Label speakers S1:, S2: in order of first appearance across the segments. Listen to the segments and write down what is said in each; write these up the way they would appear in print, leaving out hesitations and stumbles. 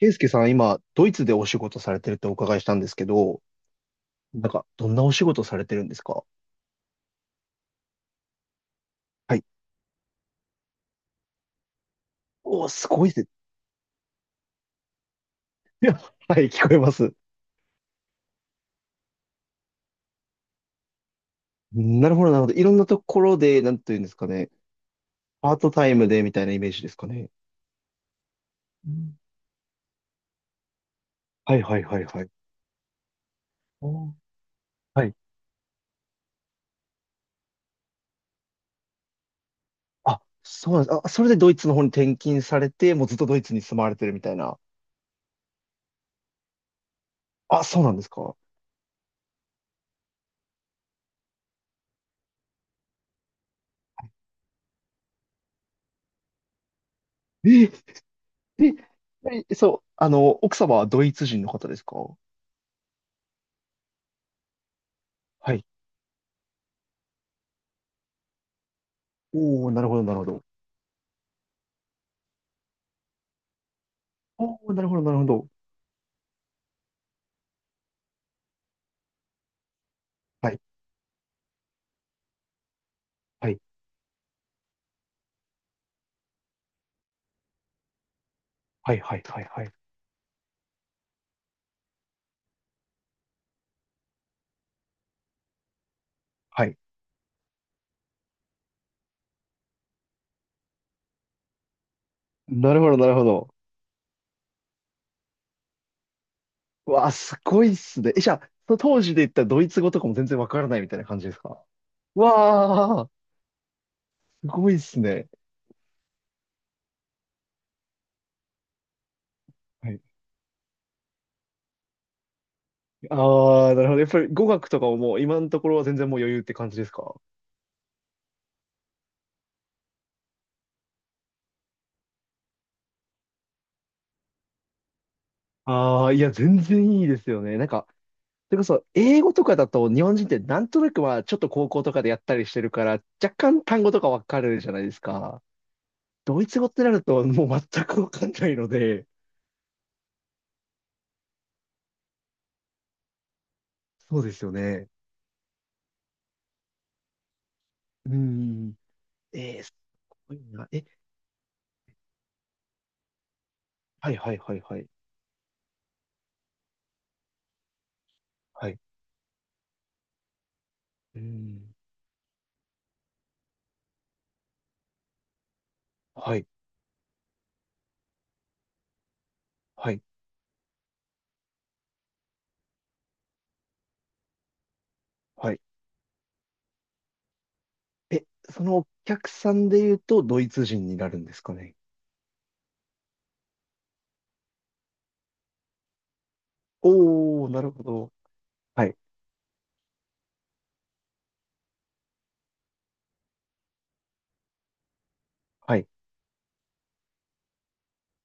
S1: ケイスケさん、今、ドイツでお仕事されてるってお伺いしたんですけど、どんなお仕事されてるんですか？はい。おー、すごいです。いや、はい、聞こえます。なるほど、なるほど。いろんなところで、なんていうんですかね。パートタイムでみたいなイメージですかね。うん。はい、はい、はい、はい。おー。はい。あ、そうなんです。あ、それでドイツの方に転勤されて、もうずっとドイツに住まわれてるみたいな。あ、そうなんですか。え、え、え、そう、奥様はドイツ人の方ですか？はい。おー、なるほど、なるほど。おお、なるほど、なるほど。はい、はい、はい、はい、はい、はい。はい。なるほど、なるほど。うわあ、すごいっすね。え、じゃあ、その当時で言ったドイツ語とかも全然わからないみたいな感じですか？うわあ、すごいっすね。はい。ああ、なるほど。やっぱり語学とかももう今のところは全然もう余裕って感じですか？ああ、いや、全然いいですよね。それこそ、英語とかだと日本人ってなんとなく、まあ、ちょっと高校とかでやったりしてるから、若干単語とかわかるじゃないですか。ドイツ語ってなるともう全くわかんないので、そうですよね。うん。えー、すごいな。え、はいはいはいはい。はい。うん。はい。はい。はい。え、そのお客さんで言うと、ドイツ人になるんですかね。おー、なるほど。はい。はい。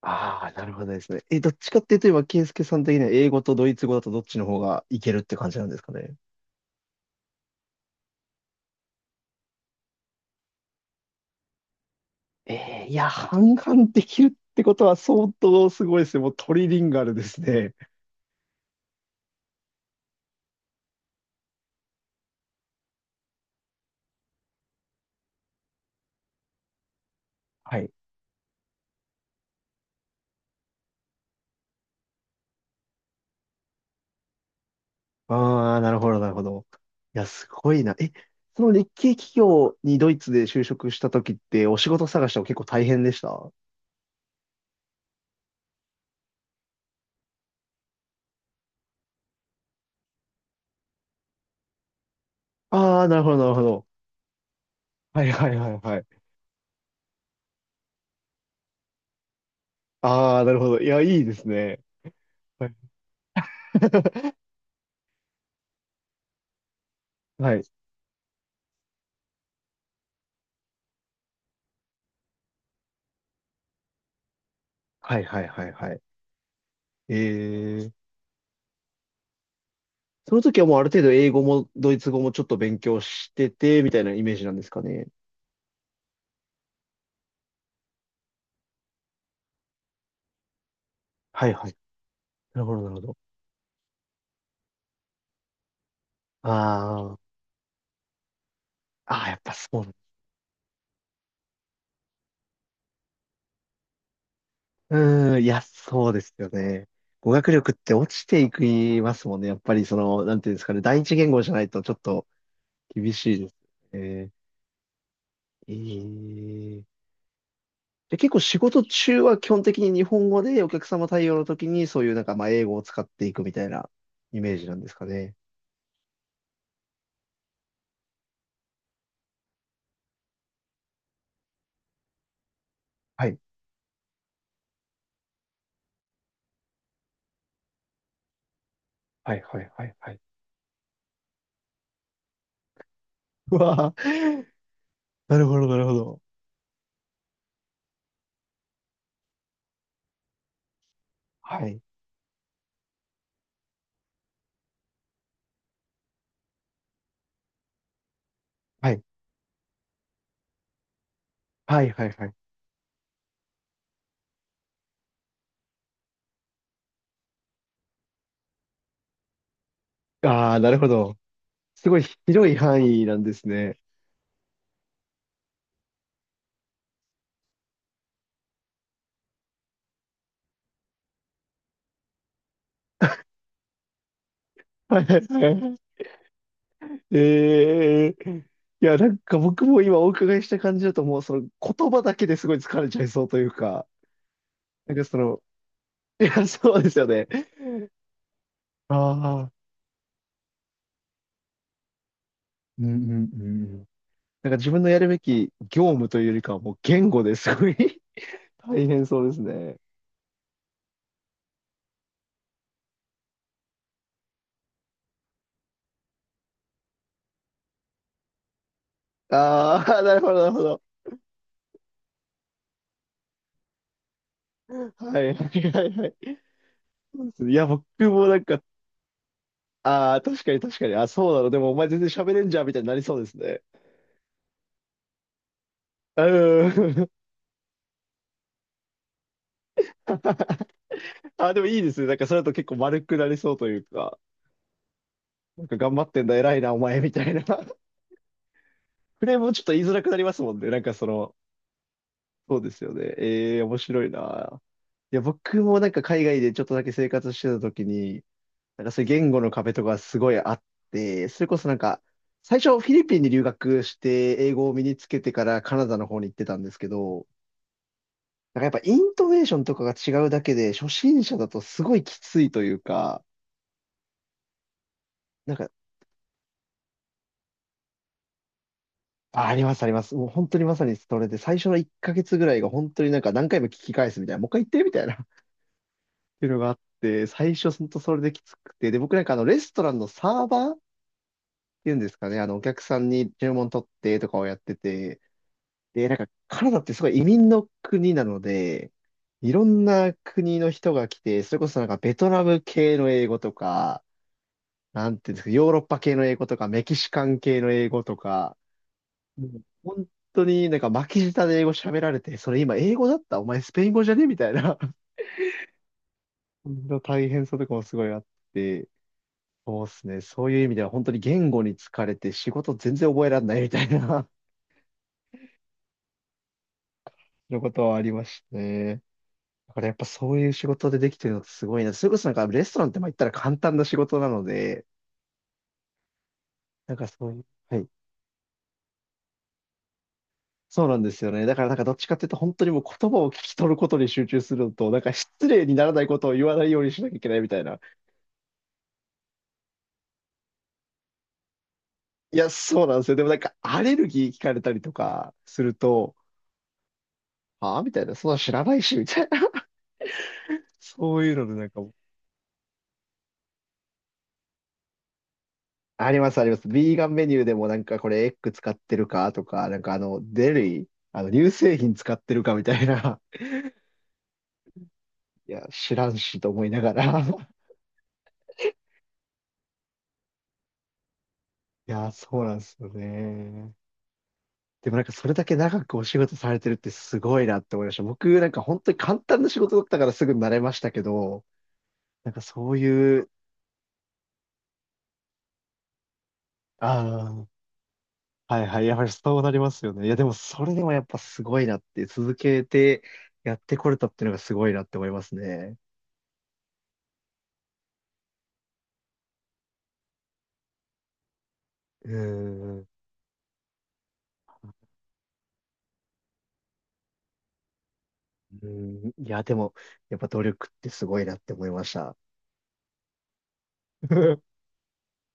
S1: ああ、なるほどですね。え、どっちかっていうと、今、ス介さん的には英語とドイツ語だとどっちの方がいけるって感じなんですかね。えー、いや、半々できるってことは相当すごいですね。もうトリリンガルですね。はい。ああ、なるほど、なるほど。いや、すごいな。え、その日系企業にドイツで就職した時って、お仕事探しは結構大変でした？ああー、なるほど、なるほど。はいはいはいはい。ああ、なるほど。いや、いいですね。はい。はいはいはいはいはい。えー、その時はもうある程度英語もドイツ語もちょっと勉強してて、みたいなイメージなんですかね。はいはい。なるほど、なるほど。ああ、ああ、やっぱそうな。うーん、いや、そうですよね。語学力って落ちていきますもんね。やっぱりその、なんていうんですかね、第一言語じゃないとちょっと厳しいですね。えー、で、結構仕事中は基本的に日本語でお客様対応の時にそういうまあ英語を使っていくみたいなイメージなんですかね。はい。はいはいはいはい。うわー。なるほど、なるほど。はい。はい。はい、はい、はい。ああ、なるほど。すごい広い範囲なんですね。はい、はい、ええ。いや、僕も今お伺いした感じだともうその言葉だけですごい疲れちゃいそうというか、なんかその、いや、そうですよね。ああ、うんうんうんうん。なんか自分のやるべき業務というよりかはもう言語ですごい 大変そうですね。ああ、なるほど、なるほど。はいはいはいはい。そうですね。いや、僕もなんか、ああ、確かに確かに、あ、そうなの、でもお前全然喋れんじゃんみたいになりそうですね。うん。あ、でもいいですね。なんかそれだと結構丸くなりそうというか、なんか頑張ってんだ、偉いな、お前、みたいな。フレームもちょっと言いづらくなりますもんね。そうですよね。ええ、面白いな。いや、僕も海外でちょっとだけ生活してた時に、そういう言語の壁とかすごいあって、それこそなんか、最初フィリピンに留学して英語を身につけてからカナダの方に行ってたんですけど、なんかやっぱイントネーションとかが違うだけで、初心者だとすごいきついというか、なんかあ、あります、あります。もう本当にまさにそれで、最初の1ヶ月ぐらいが本当に何回も聞き返すみたいな、もう一回言ってみたいな っていうのがあって、最初本当それできつくて、で、僕、レストランのサーバーっていうんですかね、あのお客さんに注文取ってとかをやってて、で、なんかカナダってすごい移民の国なので、いろんな国の人が来て、それこそなんかベトナム系の英語とか、なんていうんですか、ヨーロッパ系の英語とか、メキシカン系の英語とか、もう本当になんか巻き舌で英語喋られて、それ今英語だったお前スペイン語じゃねみたいな の大変さとかもすごいあって、そうですね。そういう意味では本当に言語に疲れて仕事全然覚えられないみたいな のことはありましたね。だからやっぱそういう仕事でできてるのってすごいな。それこそなんかレストランってまあ言ったら簡単な仕事なので、なんかそういう、はい。そうなんですよね。だからなんかどっちかっていうと本当にもう言葉を聞き取ることに集中するのと、なんか失礼にならないことを言わないようにしなきゃいけないみたいな。いや、そうなんですよ。でもなんか、アレルギー聞かれたりとかすると、ああ、みたいな、そんな知らないし、みたいな。そういうのでなんかもう、あります、あります。ビーガンメニューでもなんかこれエッグ使ってるかとか、デリー、あの、乳製品使ってるかみたいな。いや、知らんしと思いながら。いや、そうなんですよね。でもなんかそれだけ長くお仕事されてるってすごいなって思いました。僕なんか本当に簡単な仕事だったからすぐ慣れましたけど、なんかそういう、ああ、はいはい。やはりそうなりますよね。いや、でもそれでもやっぱすごいなって、続けてやってこれたっていうのがすごいなって思いますね。うーん。うーん。いや、でも、やっぱ努力ってすごいなって思いました。